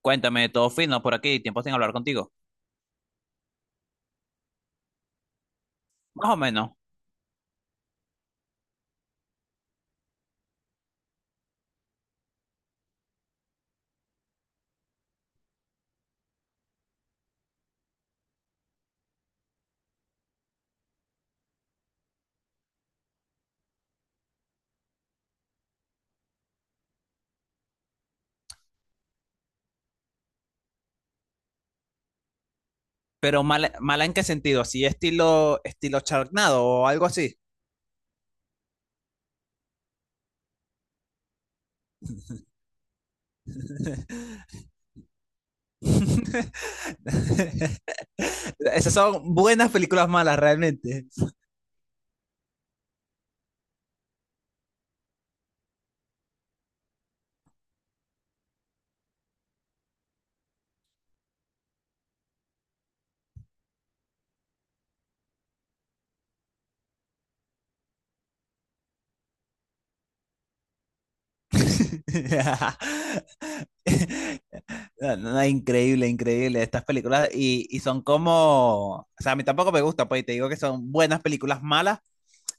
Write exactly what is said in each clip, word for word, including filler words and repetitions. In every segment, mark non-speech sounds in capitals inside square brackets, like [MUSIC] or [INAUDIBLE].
Cuéntame, todo fino por aquí, tiempo sin hablar contigo. Más o menos. Pero mala, mala en qué sentido, así estilo, estilo charnado o algo así. [LAUGHS] Esas son buenas películas malas realmente. [LAUGHS] No, no, increíble, increíble estas películas y, y son como, o sea, a mí tampoco me gusta, pues, y te digo que son buenas películas malas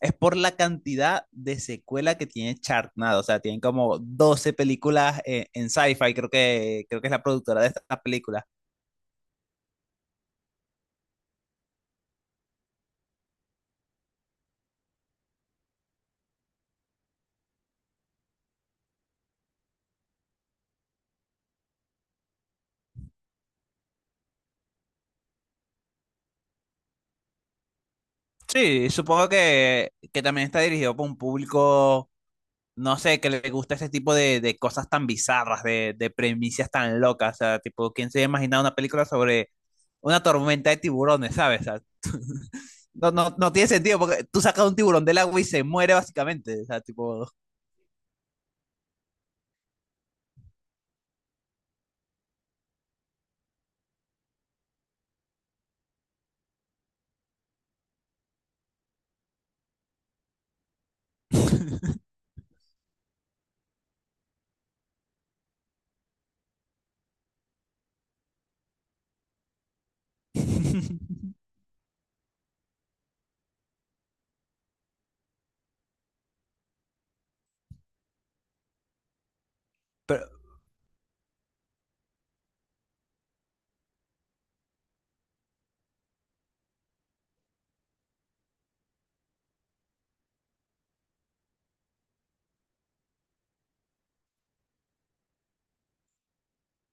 es por la cantidad de secuela que tiene Chartnado. O sea, tienen como doce películas eh, en sci-fi, creo que, creo que es la productora de estas películas. Sí, supongo que, que también está dirigido por un público, no sé, que le gusta ese tipo de, de cosas tan bizarras, de, de premisas tan locas. O sea, tipo, ¿quién se imagina una película sobre una tormenta de tiburones, ¿sabes? O sea, no, no, no tiene sentido, porque tú sacas un tiburón del agua y se muere básicamente. O sea, tipo... [LAUGHS] Pero,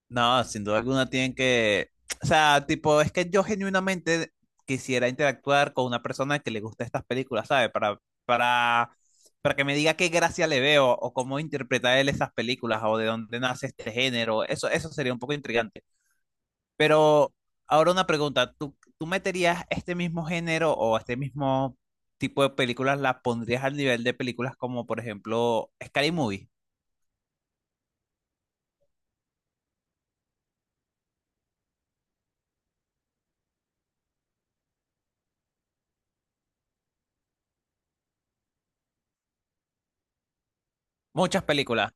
no, sin duda alguna tienen que, o sea, tipo, es que yo genuinamente quisiera interactuar con una persona que le gusta estas películas, ¿sabes? Para, para, para que me diga qué gracia le veo o cómo interpreta él esas películas o de dónde nace este género. Eso, eso sería un poco intrigante. Pero ahora una pregunta, ¿tú, tú meterías este mismo género o este mismo tipo de películas, las pondrías al nivel de películas como, por ejemplo, ¿Scary Movie? Muchas películas.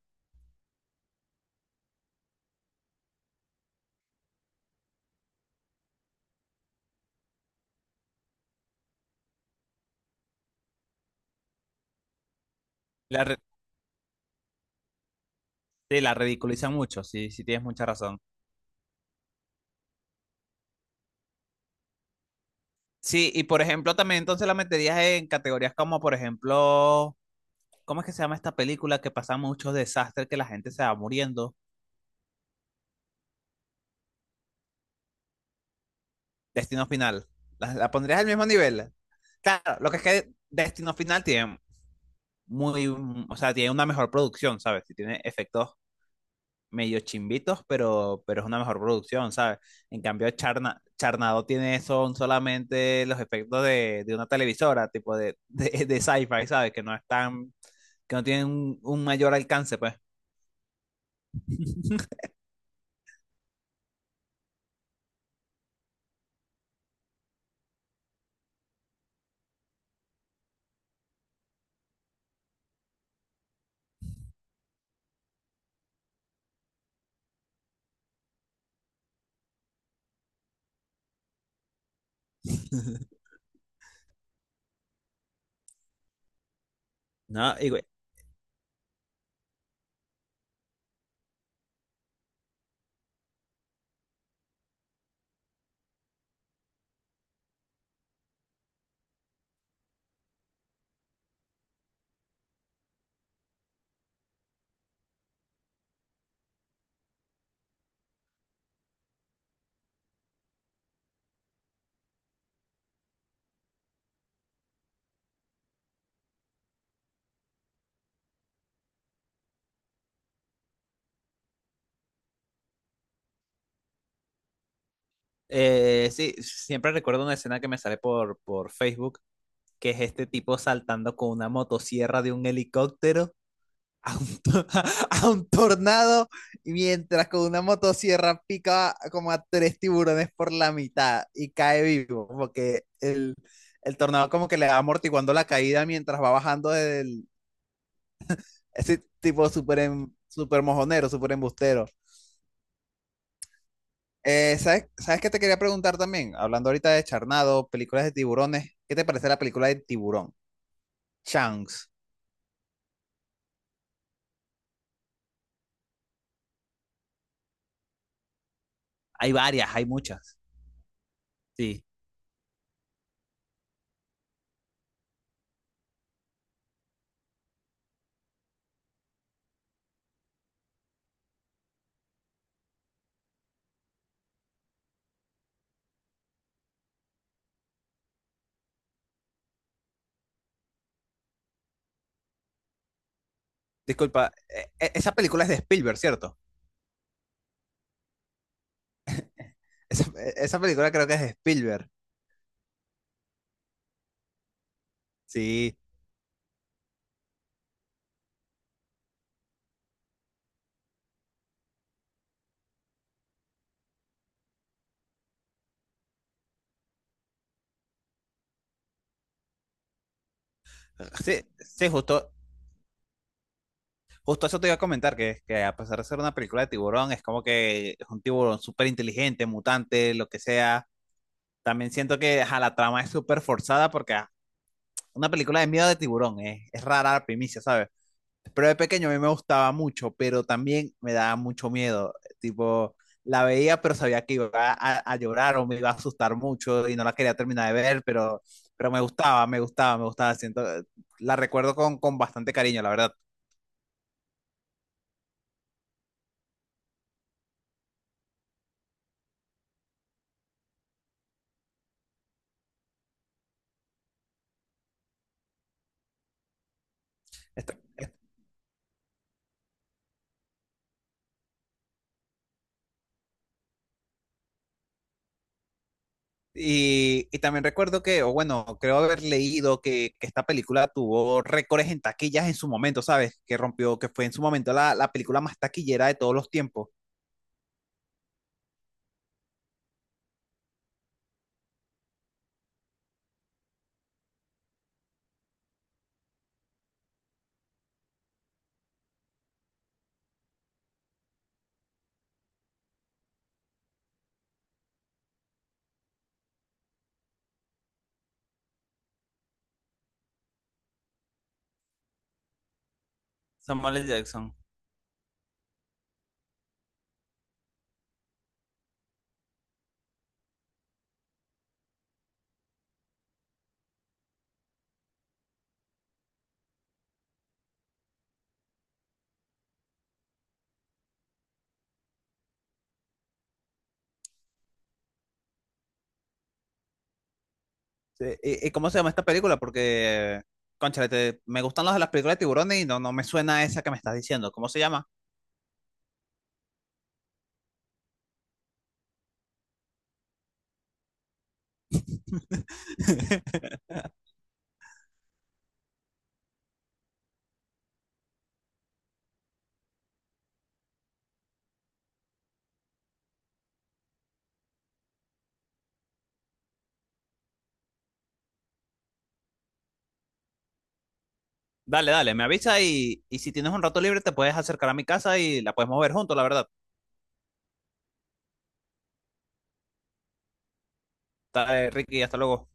La, re- sí, la ridiculizan mucho, sí, sí tienes mucha razón. Sí, y por ejemplo, también entonces la meterías en categorías como, por ejemplo, ¿cómo es que se llama esta película que pasa muchos desastres que la gente se va muriendo? Destino Final. ¿La, la pondrías al mismo nivel? Claro, lo que es que Destino Final tiene muy, o sea, tiene una mejor producción, ¿sabes? Y tiene efectos medio chimbitos, pero, pero es una mejor producción, ¿sabes? En cambio, Charna, Charnado tiene son solamente los efectos de, de una televisora, tipo de, [LAUGHS] de, de sci-fi, ¿sabes? Que no es tan, que no tienen un, un mayor alcance, pues. [LAUGHS] No, y güey, eh, sí, siempre recuerdo una escena que me sale por, por Facebook, que es este tipo saltando con una motosierra de un helicóptero [LAUGHS] a un, to- [LAUGHS] a un tornado mientras con una motosierra pica como a tres tiburones por la mitad y cae vivo, porque el, el tornado como que le va amortiguando la caída mientras va bajando del... Ese tipo súper em- súper mojonero, súper embustero. Eh, ¿sabes, ¿Sabes qué te quería preguntar también? Hablando ahorita de Charnado, películas de tiburones, ¿qué te parece la película de Tiburón? Chunks. Hay varias, hay muchas. Sí. Disculpa, eh, eh, esa película es de Spielberg, ¿cierto? Esa, e, esa película creo que es de Spielberg. Sí, sí, sí, justo, justo eso te iba a comentar, que, que a pesar de ser una película de tiburón, es como que es un tiburón súper inteligente, mutante, lo que sea. También siento que ajá, la trama es súper forzada porque ah, una película de miedo de tiburón es, es rara la primicia, ¿sabes? Pero de pequeño a mí me gustaba mucho, pero también me daba mucho miedo. Tipo, la veía, pero sabía que iba a, a llorar o me iba a asustar mucho y no la quería terminar de ver, pero, pero me gustaba, me gustaba, me gustaba. Siento, eh, la recuerdo con, con bastante cariño, la verdad. Esta- y, y también recuerdo que, o bueno, creo haber leído que, que esta película tuvo récords en taquillas en su momento, ¿sabes? Que rompió, que fue en su momento la, la película más taquillera de todos los tiempos. Samuel L Jackson. Sí, ¿y, y cómo se llama esta película? Porque, cónchale, te- me gustan las de las películas de tiburones y no, no me suena esa que me estás diciendo. ¿Cómo se llama? [LAUGHS] Dale, dale, me avisa y, y si tienes un rato libre te puedes acercar a mi casa y la podemos ver juntos, la verdad. Dale, Ricky, hasta luego.